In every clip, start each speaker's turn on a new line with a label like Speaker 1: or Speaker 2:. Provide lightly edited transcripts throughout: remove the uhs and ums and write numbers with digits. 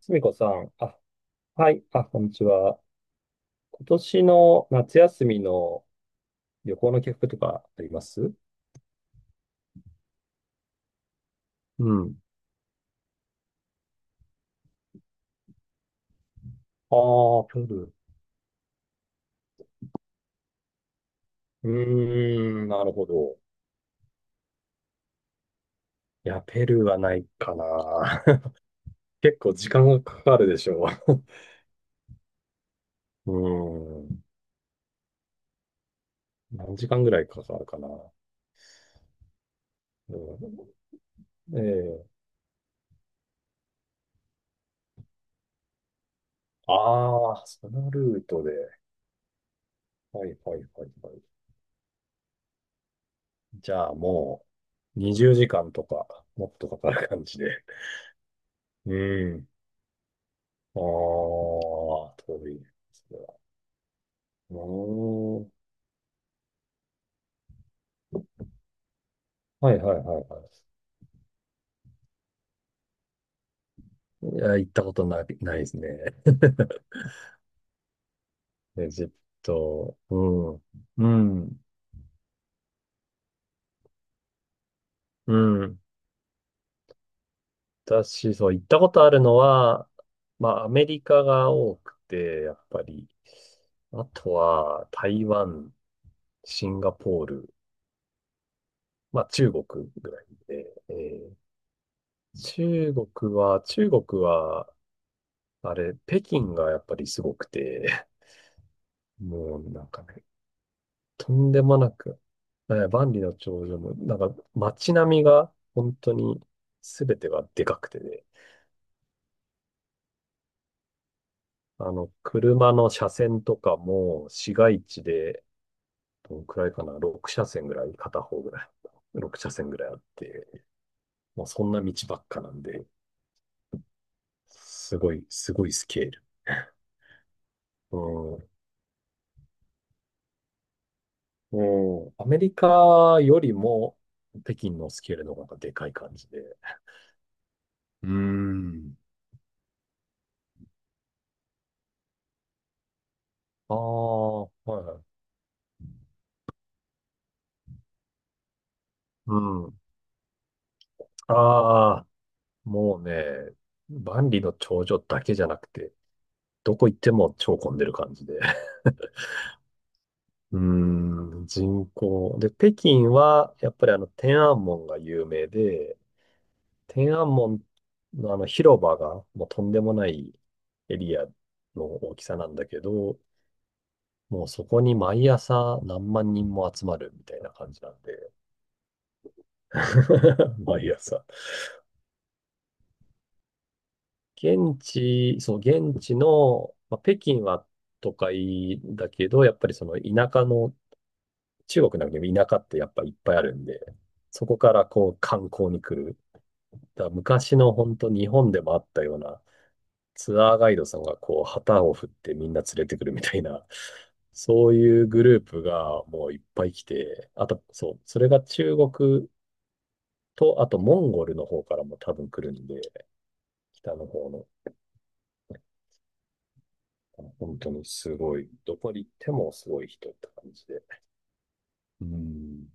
Speaker 1: すみこさん、あ、はい、あ、こんにちは。今年の夏休みの旅行の計画とかあります？うん。ああ、ペルー。うーん、なるほど。いや、ペルーはないかな。結構時間がかかるでしょう。うーん、何時間ぐらいかかるかな。うん、ええ、ああー、そのルートで。はい、はい、はい、はい。じゃあもう20時間とか、もっとかかる感じで。うん、ああ、遠いね。それは。うーん。はいはいはいはい。いや、行ったことない、ないですね。エジプト。うん。うん。うん。私、そう、行ったことあるのは、まあ、アメリカが多くて、やっぱり。あとは、台湾、シンガポール、まあ、中国ぐらいで、中国は、中国は、あれ、北京がやっぱりすごくて、もうなんかね、とんでもなく、万里の長城も、なんか街並みが本当に全てがでかくてね、あの、車の車線とかも市街地で、どのくらいかな、6車線ぐらい、片方ぐらい、6車線ぐらいあって、もうそんな道ばっかなんで、すごい、すごいスケール。うん。もう、アメリカよりも北京のスケールの方がでかい感じで。うーん。ああ、はいはい。うん。ああ、もうね、万里の長城だけじゃなくて、どこ行っても超混んでる感じで。うーん、人口。で、北京は、やっぱりあの、天安門が有名で、天安門のあの広場が、もうとんでもないエリアの大きさなんだけど、もうそこに毎朝何万人も集まるみたいな感じなんで、毎朝。現地、そう、現地の、まあ、北京は都会だけど、やっぱりその田舎の中国なんかでも田舎ってやっぱいっぱいあるんで、そこからこう観光に来る。だから昔の本当日本でもあったようなツアーガイドさんがこう旗を振ってみんな連れてくるみたいな、そういうグループがもういっぱい来て、あとそう、それが中国と、あとモンゴルの方からも多分来るんで、北の方の。本当にすごい、どこに行ってもすごい人って感じで。うん。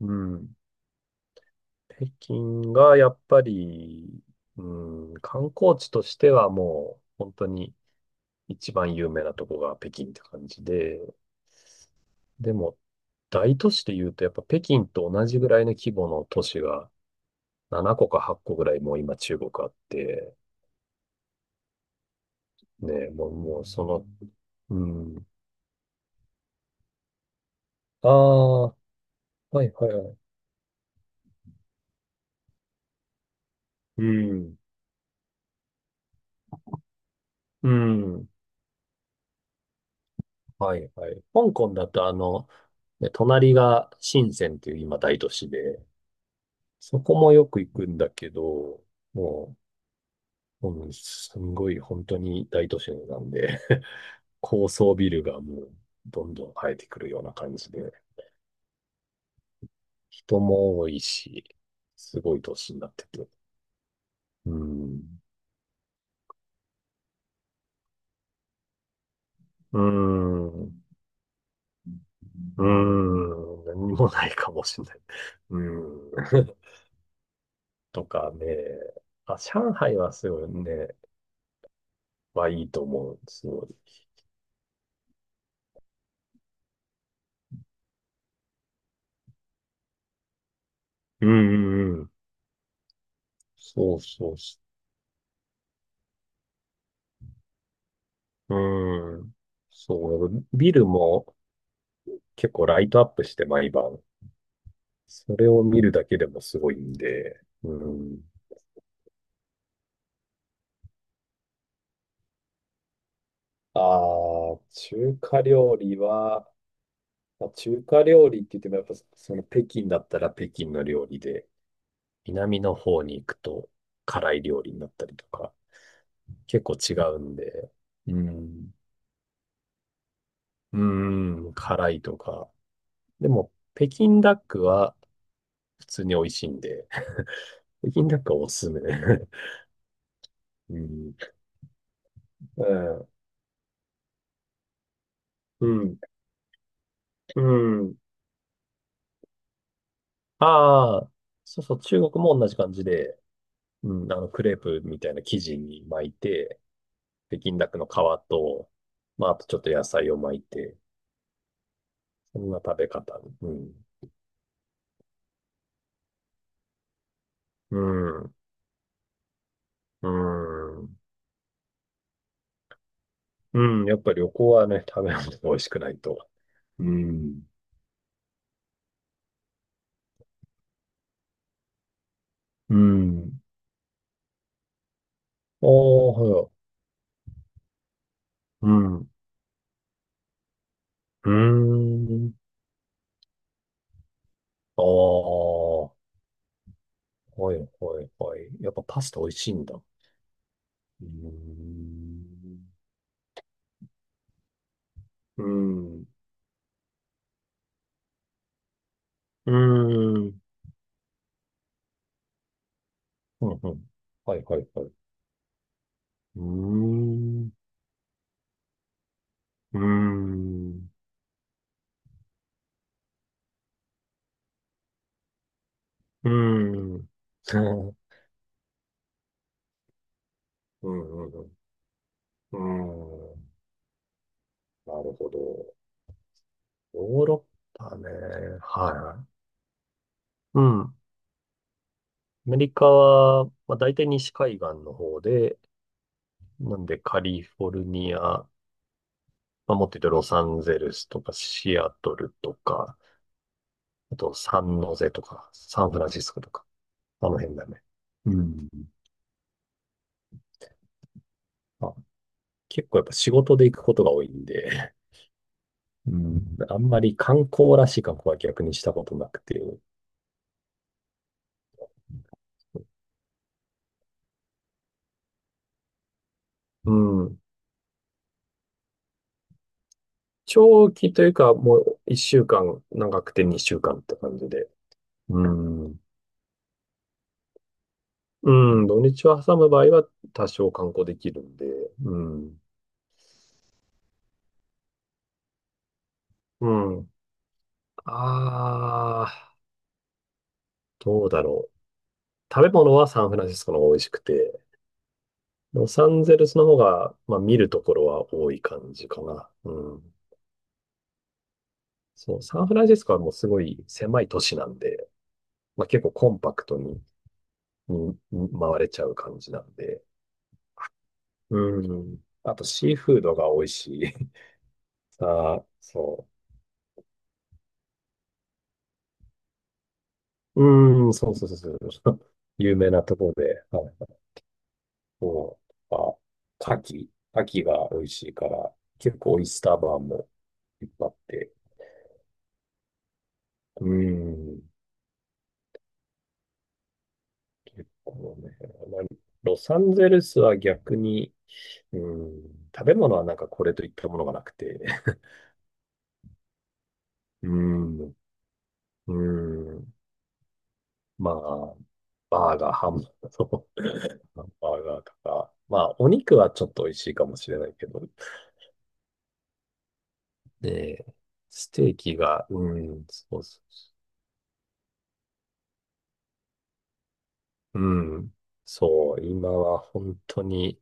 Speaker 1: うん。北京がやっぱり、うん、観光地としてはもう本当に一番有名なとこが北京って感じで、でも大都市で言うとやっぱ北京と同じぐらいの規模の都市が7個か8個ぐらいもう今中国あって、ね、もうその、うん、ああ、はいはいはい。うん、うん、はいはい。香港だとあの、ね、隣が深センっていう今大都市で、そこもよく行くんだけど、もう、うん、すんごい本当に大都市なんで 高層ビルがもうどんどん生えてくるような感じで、人も多いし、すごい都市になってて。うん。うん。うん。何もないかもしれない。うん。とかね。あ、上海はすごいね、はいいと思う。すごい。うんうんうん。そうそう、うん。そう、ビルも結構ライトアップして毎晩。それを見るだけでもすごいんで。うん。ああ、中華料理は、まあ、中華料理って言ってもやっぱその北京だったら北京の料理で、南の方に行くと辛い料理になったりとか、結構違うんで、うん、うん、辛いとか。でも、北京ダックは普通に美味しいんで、北京ダックはおすすめ。うん、ええ、うん、うん。ああ、そうそう、中国も同じ感じで、うん、あの、クレープみたいな生地に巻いて、北京ダックの皮と、まあ、あとちょっと野菜を巻いて、そんな食べ方。うん、うん、うん、うん、やっぱり旅行はね、食べ物が美味しくないと。うん、うん。おー、はい。うん、うーん。ああ、はい、はい、はい。やっぱパスタ美味しいんだ。うんうん。うーん。うんうん。はいはいはい。うーん。うーん。うーん。うんうんうん。うーん。なるほど。ヨーロッパね。はい。うん。アメリカは、まあ、大体西海岸の方で、なんでカリフォルニア、まあ、もっと言うとロサンゼルスとかシアトルとか、あとサンノゼとか、サンフランシスコとか、あの辺だね。うん、あ結構やっぱ仕事で行くことが多いんで、うん、あんまり観光らしい観光は逆にしたことなくて、うん。長期というか、もう一週間、長くて二週間って感じで。うん。うん、土日を挟む場合は多少観光できるんで。うん。うん。ああ、どうだろう。食べ物はサンフランシスコの方が美味しくて、ロサンゼルスの方が、まあ、見るところは多い感じかな。うん。そう、サンフランシスコはもうすごい狭い都市なんで、まあ、結構コンパクトに、に回れちゃう感じなんで。うん。あと、シーフードが美味しい。さあ、そう。うん、そうそうそうそう。有名なところで、はい。そう、あ、牡蠣。牡蠣が美味しいから、結構オイスターバーもいっぱいあって。うん。結構ね、まあ、ロサンゼルスは逆に、うん、食べ物はなんかこれといったものがなくて、うん、うん、まあ、バーガー、ハンバーガー、バーガーとか、まあ、お肉はちょっと美味しいかもしれないけど、で、ステーキが、うん、そうそう、うん、そう、今は本当に、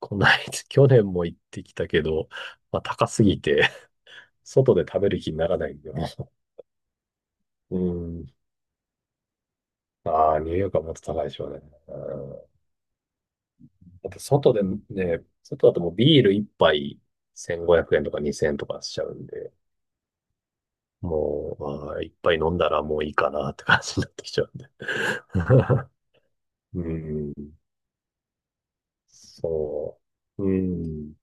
Speaker 1: こないだ、去年も行ってきたけど、まあ、高すぎて、外で食べる気にならないよね。うん、ああ、ニューヨークはもっと高いでしょうね。うん。だって外でね、外だともうビール一杯1500円とか2000円とかしちゃうんで、もう、ああ、一杯飲んだらもういいかなって感じになってきちゃうんで。うん。そう。うん。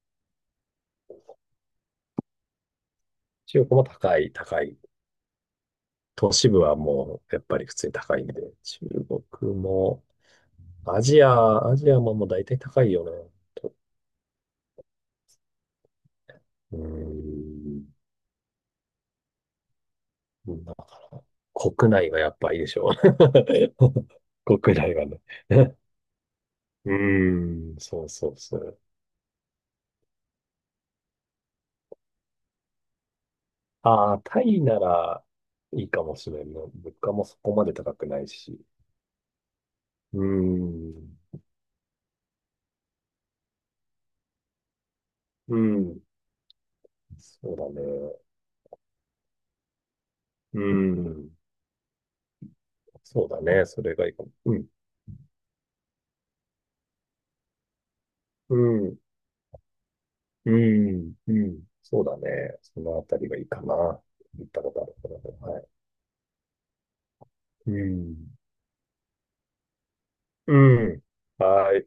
Speaker 1: 中国も高い、高い。都市部はもう、やっぱり普通に高いんで、中国も、アジアももう大体高いよね。と、うん。だから、国内がやっぱいいでしょ。国内はね。うーん、そうそうそう。ああ、タイならいいかもしれんな。物価もそこまで高くないし。うーん、うん、そうだね。うん、そうだね。それがいいかも。うん、うん、うん、うん。そうだね。そのあたりがいいかな。行ったことあるからね。はい。うん、うん。はい。